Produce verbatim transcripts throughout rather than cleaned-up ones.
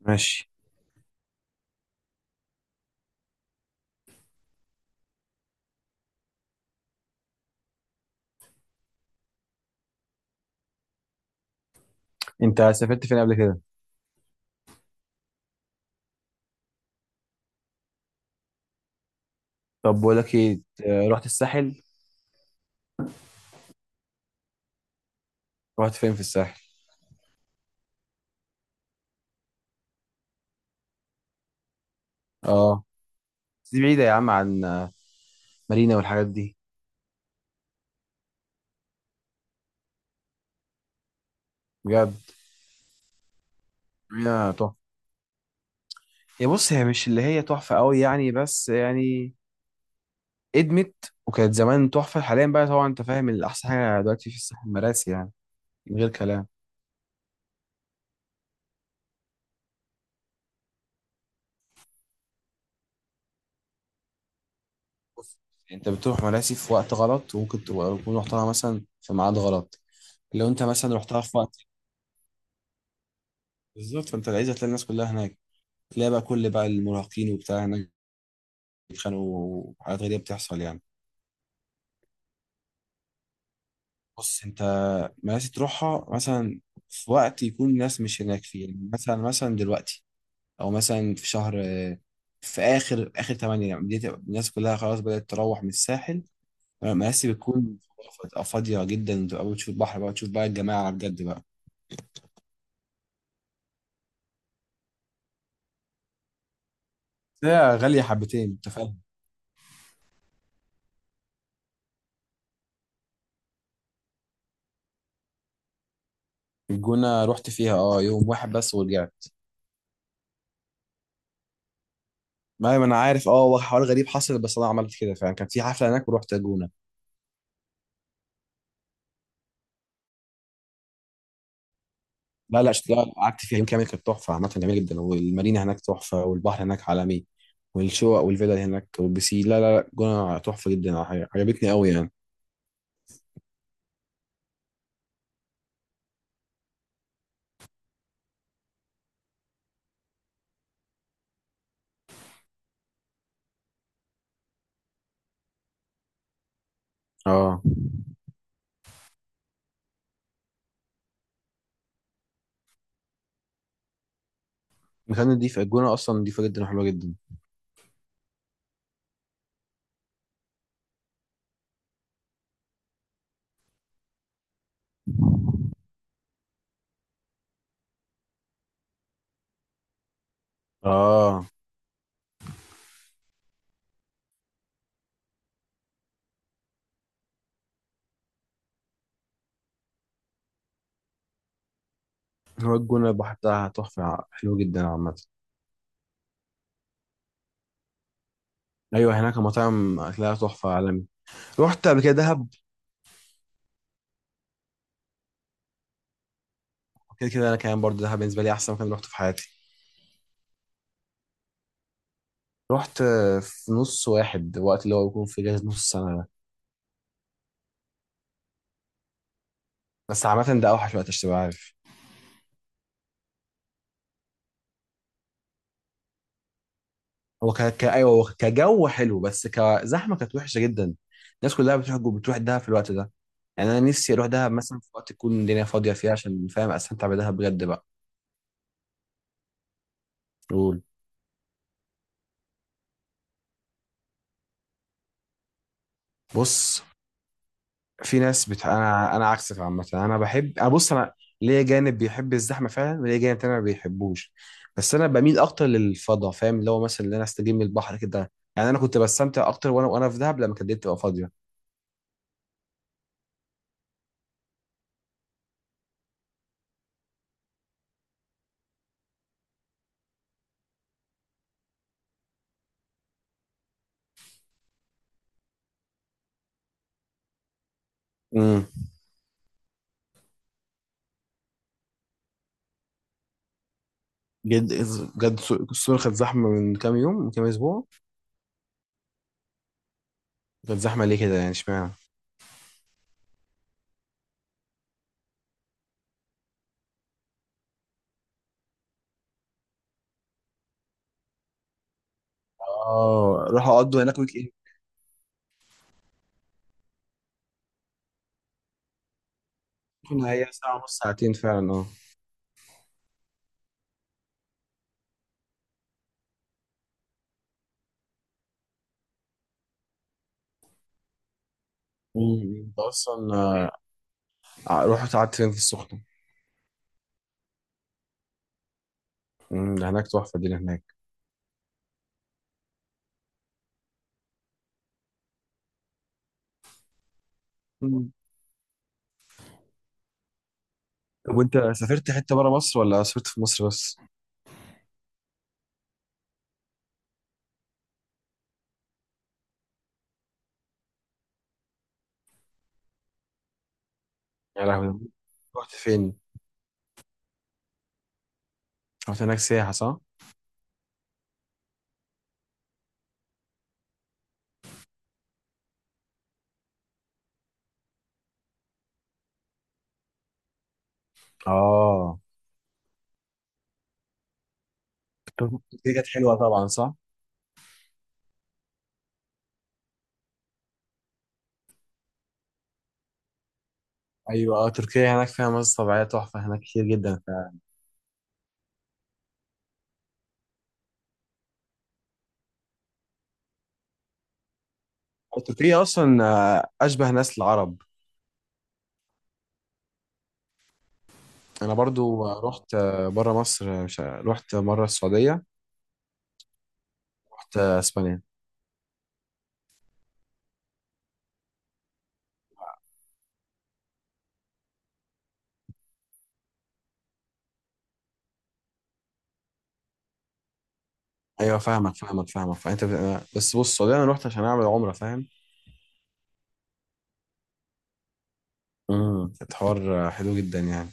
ماشي. انت سافرت فين قبل كده؟ طب بقول لك ايه. آه، رحت الساحل. رحت فين في الساحل؟ اه بس دي بعيده يا عم عن آه، مارينا والحاجات دي. بجد؟ مارينا تحفه. يا بص، هي مش اللي هي تحفه قوي يعني، بس يعني ادمت وكانت زمان تحفه. حاليا بقى طبعا انت فاهم الاحسن حاجه دلوقتي في الساحل مراسي يعني، من غير كلام. بص، انت بتروح مراسي في وقت غلط، وممكن تبقى تكون رحتها مثلا في ميعاد غلط. لو انت مثلا رحتها في وقت. بالظبط، فانت العايز هتلاقي الناس كلها هناك، تلاقي بقى كل بقى المراهقين وبتاع هناك، بيتخانقوا وحاجات غريبة بتحصل يعني. بص انت، ماشي تروحها مثلا في وقت يكون الناس مش هناك فيه، يعني مثلا مثلا دلوقتي، او مثلا في شهر آه، في اخر اخر ثمانية، يعني بديت الناس كلها خلاص بدأت تروح من الساحل. مراسي بتكون، بتبقى فاضية جدا، وتبقى بتشوف البحر بقى، تشوف بقى الجماعة على بجد بقى. هي غالية حبتين انت فاهم. الجونة رحت فيها اه يوم واحد بس ورجعت. ما ما انا عارف، اه هو حوار غريب حصل، بس انا عملت كده فعلا، كان في حفلة هناك ورحت الجونة. لا لا لا، قعدت فيها يوم كامل، كانت تحفه عامه جميله جدا. والمارينا هناك تحفه، والبحر هناك عالمي، والشقق والفيلا اللي هناك والبسي. لا لا لا، الجونه تحفه جدا، عج- عجبتني قوي يعني. اه، مكان نضيف الجونه، اصلا نضيفه جدا وحلوه جدا. اه، هو الجونه البحر بتاعها تحفه حلو جدا عامه. ايوه، هناك المطاعم اكلها تحفه عالمي. رحت قبل كده دهب؟ كده كده انا كمان برضه دهب بالنسبه لي احسن مكان رحته في حياتي. رحت آه، في نص واحد، وقت اللي هو بيكون في اجازه نص السنه ده. بس عامه ده اوحش وقت، عشان تبقى عارف. هو ك... ك... ايوه، هو كجو حلو، بس كزحمه كانت وحشه جدا. الناس كلها بتروح بتروح دهب في الوقت ده. يعني انا نفسي اروح دهب مثلا في وقت تكون الدنيا فاضيه فيه، عشان فاهم استمتع بدهب بجد بقى. قول. بص، في ناس بت... انا انا عكسك. عامه انا بحب، انا بص، انا ليا جانب بيحب الزحمه فعلا، وليا جانب تاني ما بيحبوش. بس انا بميل اكتر للفضاء فاهم، اللي هو مثلا اللي انا استجم من البحر كده يعني، انا كنت بستمتع اكتر وانا وانا في دهب لما كانت الدنيا تبقى فاضيه. امم. جد، بجد، الصور كانت زحمه من كام يوم من كام اسبوع. ده الزحمة ليه كده يعني، اشمعنى؟ اه، راح اقضوا هناك ويك اند. كنا هي ساعة ونص ساعتين فعلا، اه. مم. ده أصلا آه، رحت قعدت فين في السخنة؟ مم، ده هناك تحفة دي اللي هناك. مم. طب وانت سافرت حته بره مصر ولا سافرت في مصر بس؟ يا لهوي، رحت فين؟ رحت هناك سياحة صح؟ اه. طب- تركيا كانت حلوة طبعا صح؟ ايوه اه، تركيا هناك فيها مناظر طبيعية تحفة هناك كتير جدا ف- تركيا اصلا آه، اشبه ناس العرب. انا برضو آه، رحت آه، بره مصر، آه، مش- رحت مرة السعودية. رحت اسبانيا. ايوه فاهمك فاهمك فاهمك، فانت بت- بس بص، والله انا رحت عشان اعمل عمره فاهم. امم، الحوار حلو جدا يعني.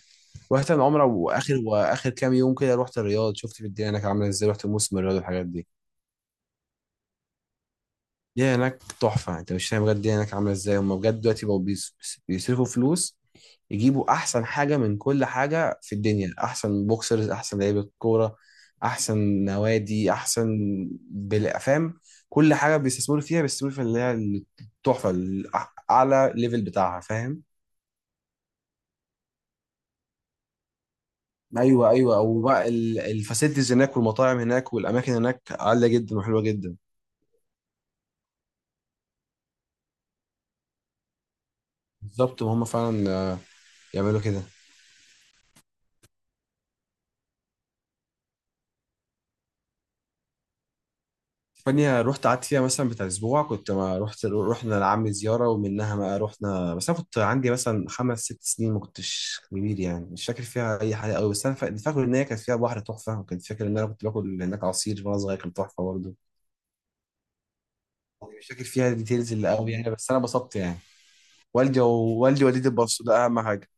رحت العمره، واخر واخر كام يوم كده رحت الرياض، شفت في الدنيا هناك عامله ازاي، رحت موسم الرياض والحاجات دي. الدنيا هناك تحفه، انت مش فاهم بجد الدنيا هناك عامله ازاي. هم بجد دلوقتي بقوا بيص- بيصرفوا فلوس، يجيبوا احسن حاجه من كل حاجه في الدنيا، احسن بوكسرز، احسن لعيبه كوره، احسن نوادي، احسن بلا- فاهم، كل حاجه بيستثمروا فيها، بيستثمروا في اللي هي التحفه، الأح- اعلى ليفل بتاعها فاهم. ايوه ايوه، وبقى الفاسيلتيز هناك والمطاعم هناك والاماكن هناك عاليه جدا وحلوه جدا. بالظبط، وهم فعلا يعملوا كده. اسبانيا رحت قعدت فيها مثلا بتاع اسبوع، كنت ما رحت، رحنا لعمي زياره ومنها ما رحنا. بس انا كنت عندي مثلا خمس ست سنين، ما كنتش كبير يعني، مش فاكر فيها اي حاجه قوي. بس انا فا- فاكر ان هي كانت فيها بحر تحفه، وكنت فاكر ان انا كنت باكل هناك عصير وانا صغير كان تحفه برضه. يعني مش فاكر فيها ديتيلز اللي قوي يعني، بس انا انبسطت يعني. والدي ووالدي ووالدتي اتبسطوا، ده اهم حاجه.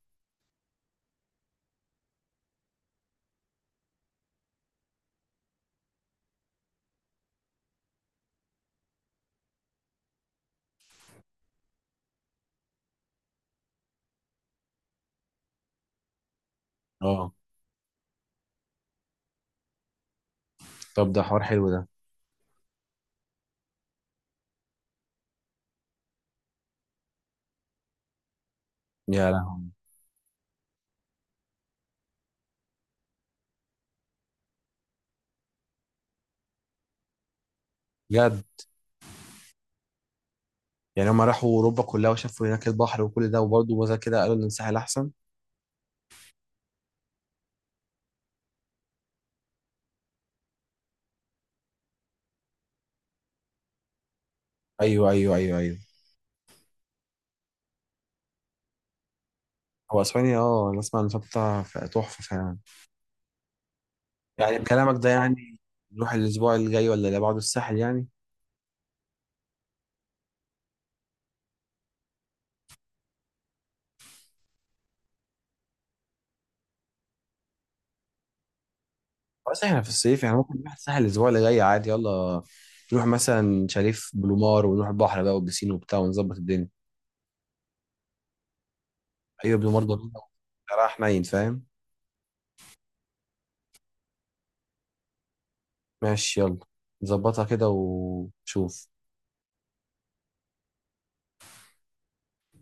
اه. طب ده حوار حلو ده. يا لهوي، بجد؟ يعني هما راحوا اوروبا كلها وشافوا هناك البحر وكل ده، وبرضه وزي كده قالوا ان الساحل احسن. ايوه ايوه ايوه ايوه. هو اسبانيا اه، انا اسمع ان شطة تحفة فعلا. يعني بكلامك ده يعني، نروح الاسبوع اللي جاي ولا اللي بعده الساحل يعني؟ بس احنا في الصيف يعني، ممكن نروح الساحل الاسبوع اللي جاي عادي، يلا. نروح مثلا شاليه بلومار، ونروح البحر بقى والبسين وبتاع، ونظبط الدنيا. ايوه، بلومار ضروري. راح نايم فاهم. ماشي يلا، نظبطها كده وشوف.